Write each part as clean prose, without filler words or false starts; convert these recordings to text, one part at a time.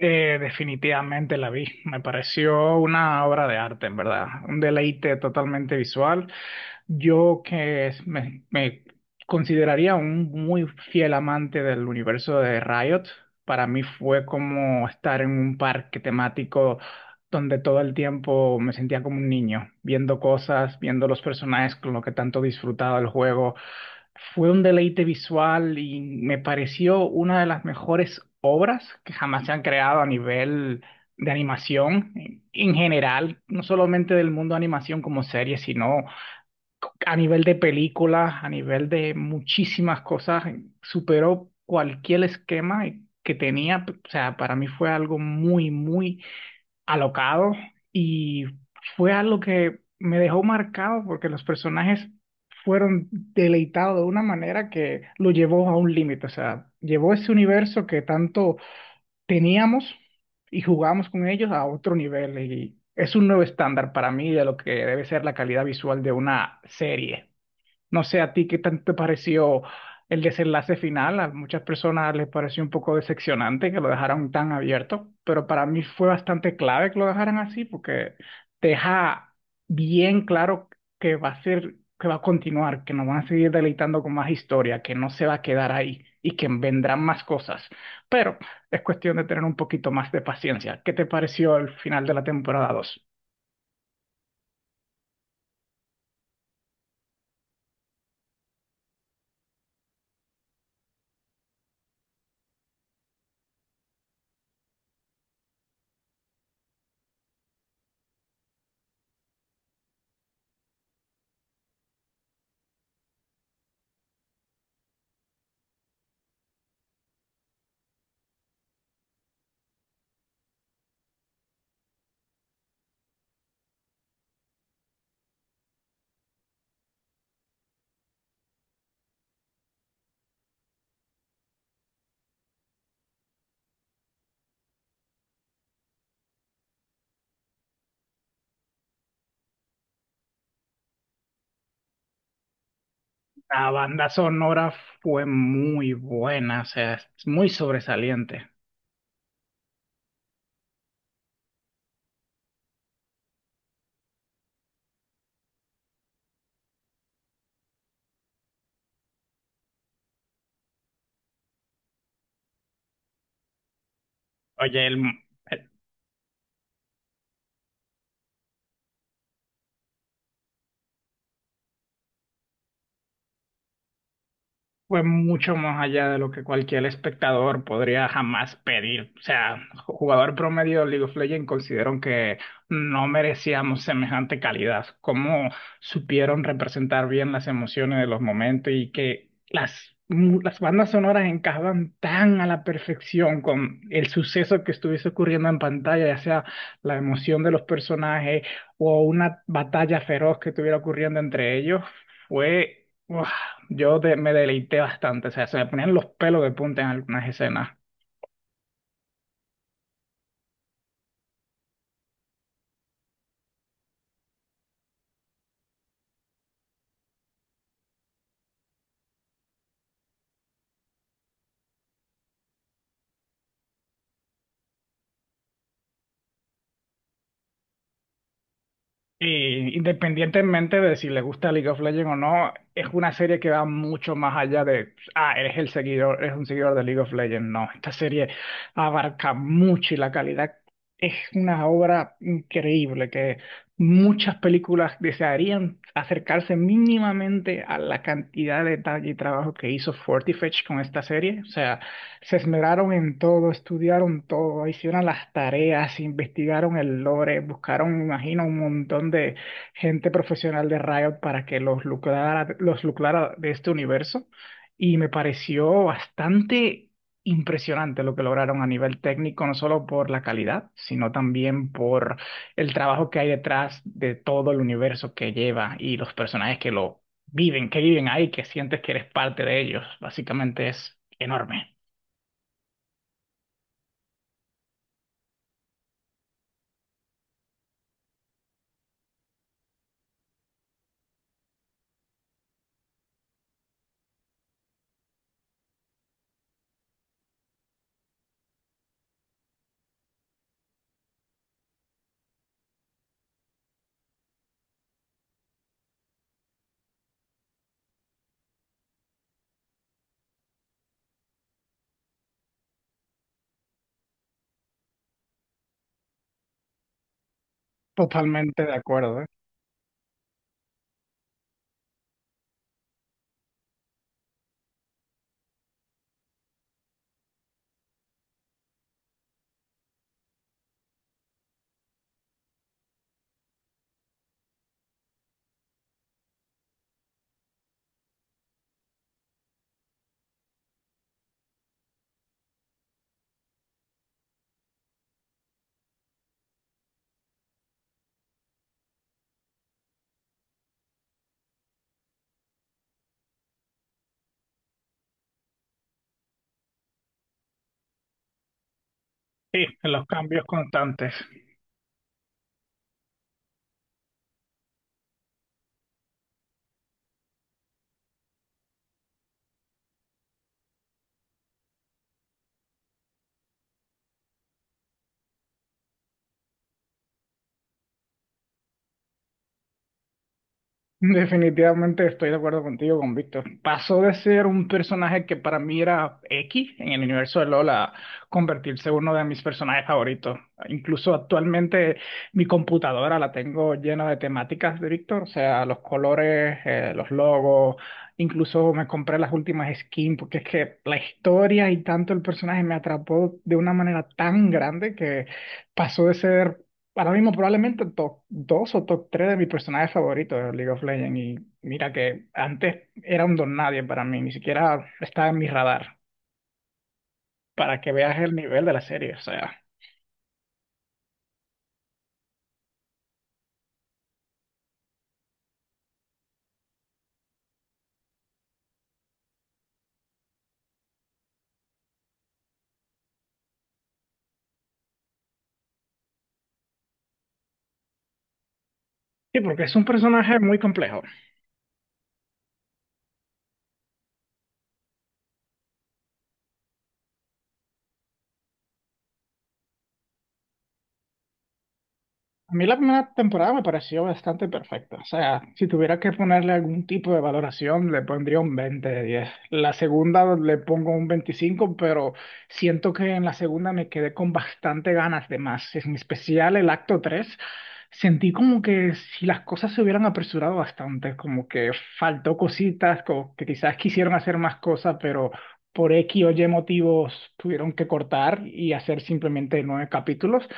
Definitivamente la vi. Me pareció una obra de arte, en verdad. Un deleite totalmente visual. Yo que es- me consideraría un muy fiel amante del universo de Riot. Para mí fue como estar en un parque temático donde todo el tiempo me sentía como un niño, viendo cosas, viendo los personajes con lo que tanto disfrutaba el juego. Fue un deleite visual y me pareció una de las mejores obras que jamás se han creado a nivel de animación en general, no solamente del mundo de animación como serie, sino a nivel de películas, a nivel de muchísimas cosas. Superó cualquier esquema que tenía. O sea, para mí fue algo muy, muy alocado y fue algo que me dejó marcado porque los personajes fueron deleitados de una manera que lo llevó a un límite, o sea, llevó ese universo que tanto teníamos y jugábamos con ellos a otro nivel, y es un nuevo estándar para mí de lo que debe ser la calidad visual de una serie. No sé a ti qué tanto te pareció el desenlace final. A muchas personas les pareció un poco decepcionante que lo dejaran tan abierto, pero para mí fue bastante clave que lo dejaran así porque deja bien claro que va a ser, que va a continuar, que nos van a seguir deleitando con más historia, que no se va a quedar ahí y que vendrán más cosas. Pero es cuestión de tener un poquito más de paciencia. ¿Qué te pareció el final de la temporada 2? La banda sonora fue muy buena, o sea, es muy sobresaliente. Oye, el, Fue mucho más allá de lo que cualquier espectador podría jamás pedir. O sea, jugador promedio de League of Legends considero que no merecíamos semejante calidad. Cómo supieron representar bien las emociones de los momentos y que las bandas sonoras encajaban tan a la perfección con el suceso que estuviese ocurriendo en pantalla, ya sea la emoción de los personajes o una batalla feroz que estuviera ocurriendo entre ellos. Fue... ¡guau! Me deleité bastante, o sea, se me ponían los pelos de punta en algunas escenas. Y independientemente de si les gusta League of Legends o no, es una serie que va mucho más allá de, ah, eres un seguidor de League of Legends. No, esta serie abarca mucho y la calidad es una obra increíble que muchas películas desearían acercarse mínimamente a la cantidad de detalle y trabajo que hizo Forty Fetch con esta serie. O sea, se esmeraron en todo, estudiaron todo, hicieron las tareas, investigaron el lore, buscaron, me imagino, un montón de gente profesional de Riot para que los lucrara de este universo. Y me pareció bastante impresionante lo que lograron a nivel técnico, no solo por la calidad, sino también por el trabajo que hay detrás de todo el universo que lleva y los personajes que lo viven, que viven ahí, que sientes que eres parte de ellos. Básicamente es enorme. Totalmente de acuerdo, ¿eh? Sí, los cambios constantes. Definitivamente estoy de acuerdo contigo, con Víctor. Pasó de ser un personaje que para mí era X en el universo de LoL a convertirse en uno de mis personajes favoritos. Incluso actualmente mi computadora la tengo llena de temáticas de Víctor, o sea, los colores, los logos. Incluso me compré las últimas skins, porque es que la historia y tanto el personaje me atrapó de una manera tan grande que pasó de ser ahora mismo probablemente top 2 o top 3 de mis personajes favoritos de League of Legends. Y mira que antes era un don nadie para mí, ni siquiera estaba en mi radar, para que veas el nivel de la serie. O sea, sí, porque es un personaje muy complejo. A mí la primera temporada me pareció bastante perfecta. O sea, si tuviera que ponerle algún tipo de valoración, le pondría un 20 de 10. La segunda le pongo un 25, pero siento que en la segunda me quedé con bastante ganas de más. En especial el acto 3, sentí como que si las cosas se hubieran apresurado bastante, como que faltó cositas, como que quizás quisieron hacer más cosas, pero por X o Y motivos tuvieron que cortar y hacer simplemente 9 capítulos,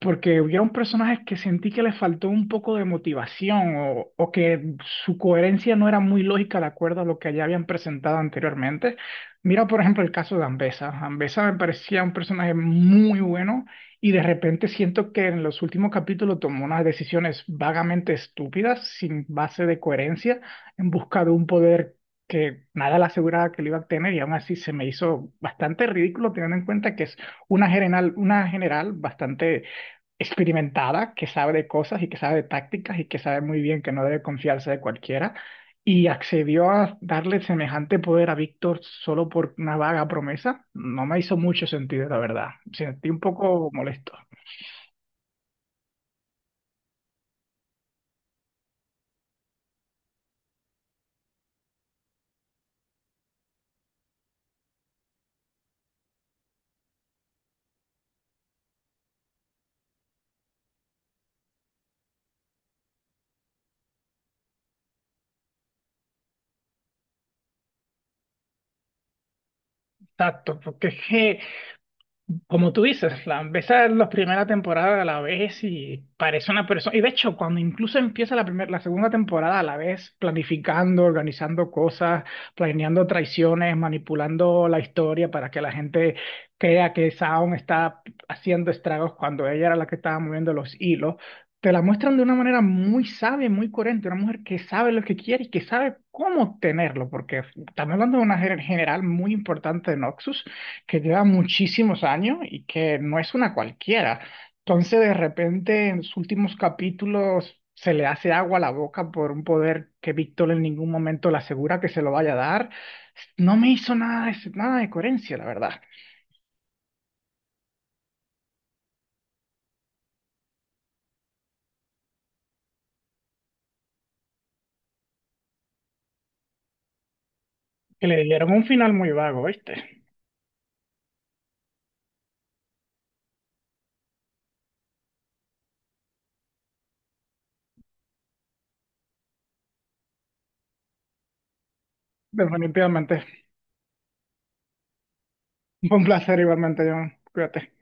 porque hubieron personajes que sentí que les faltó un poco de motivación o que su coherencia no era muy lógica de acuerdo a lo que ya habían presentado anteriormente. Mira, por ejemplo, el caso de Ambessa. Ambessa me parecía un personaje muy bueno y de repente siento que en los últimos capítulos tomó unas decisiones vagamente estúpidas, sin base de coherencia, en busca de un poder que nada le aseguraba que lo iba a tener, y aún así se me hizo bastante ridículo teniendo en cuenta que es una general bastante experimentada, que sabe de cosas y que sabe de tácticas y que sabe muy bien que no debe confiarse de cualquiera, y accedió a darle semejante poder a Víctor solo por una vaga promesa. No me hizo mucho sentido, la verdad. Me sentí un poco molesto. Exacto, porque es que, como tú dices, Flan, ves a la primera temporada a la vez y parece una persona. Y de hecho, cuando incluso empieza la segunda temporada a la vez, planificando, organizando cosas, planeando traiciones, manipulando la historia para que la gente crea que Saon está haciendo estragos cuando ella era la que estaba moviendo los hilos, te la muestran de una manera muy sabia y muy coherente, una mujer que sabe lo que quiere y que sabe cómo tenerlo, porque estamos hablando de una general muy importante de Noxus que lleva muchísimos años y que no es una cualquiera. Entonces, de repente, en los últimos capítulos se le hace agua a la boca por un poder que Víctor en ningún momento le asegura que se lo vaya a dar. No me hizo nada de, nada de coherencia, la verdad. Que le dieron un final muy vago, ¿viste? Definitivamente. Un placer igualmente, John. Cuídate.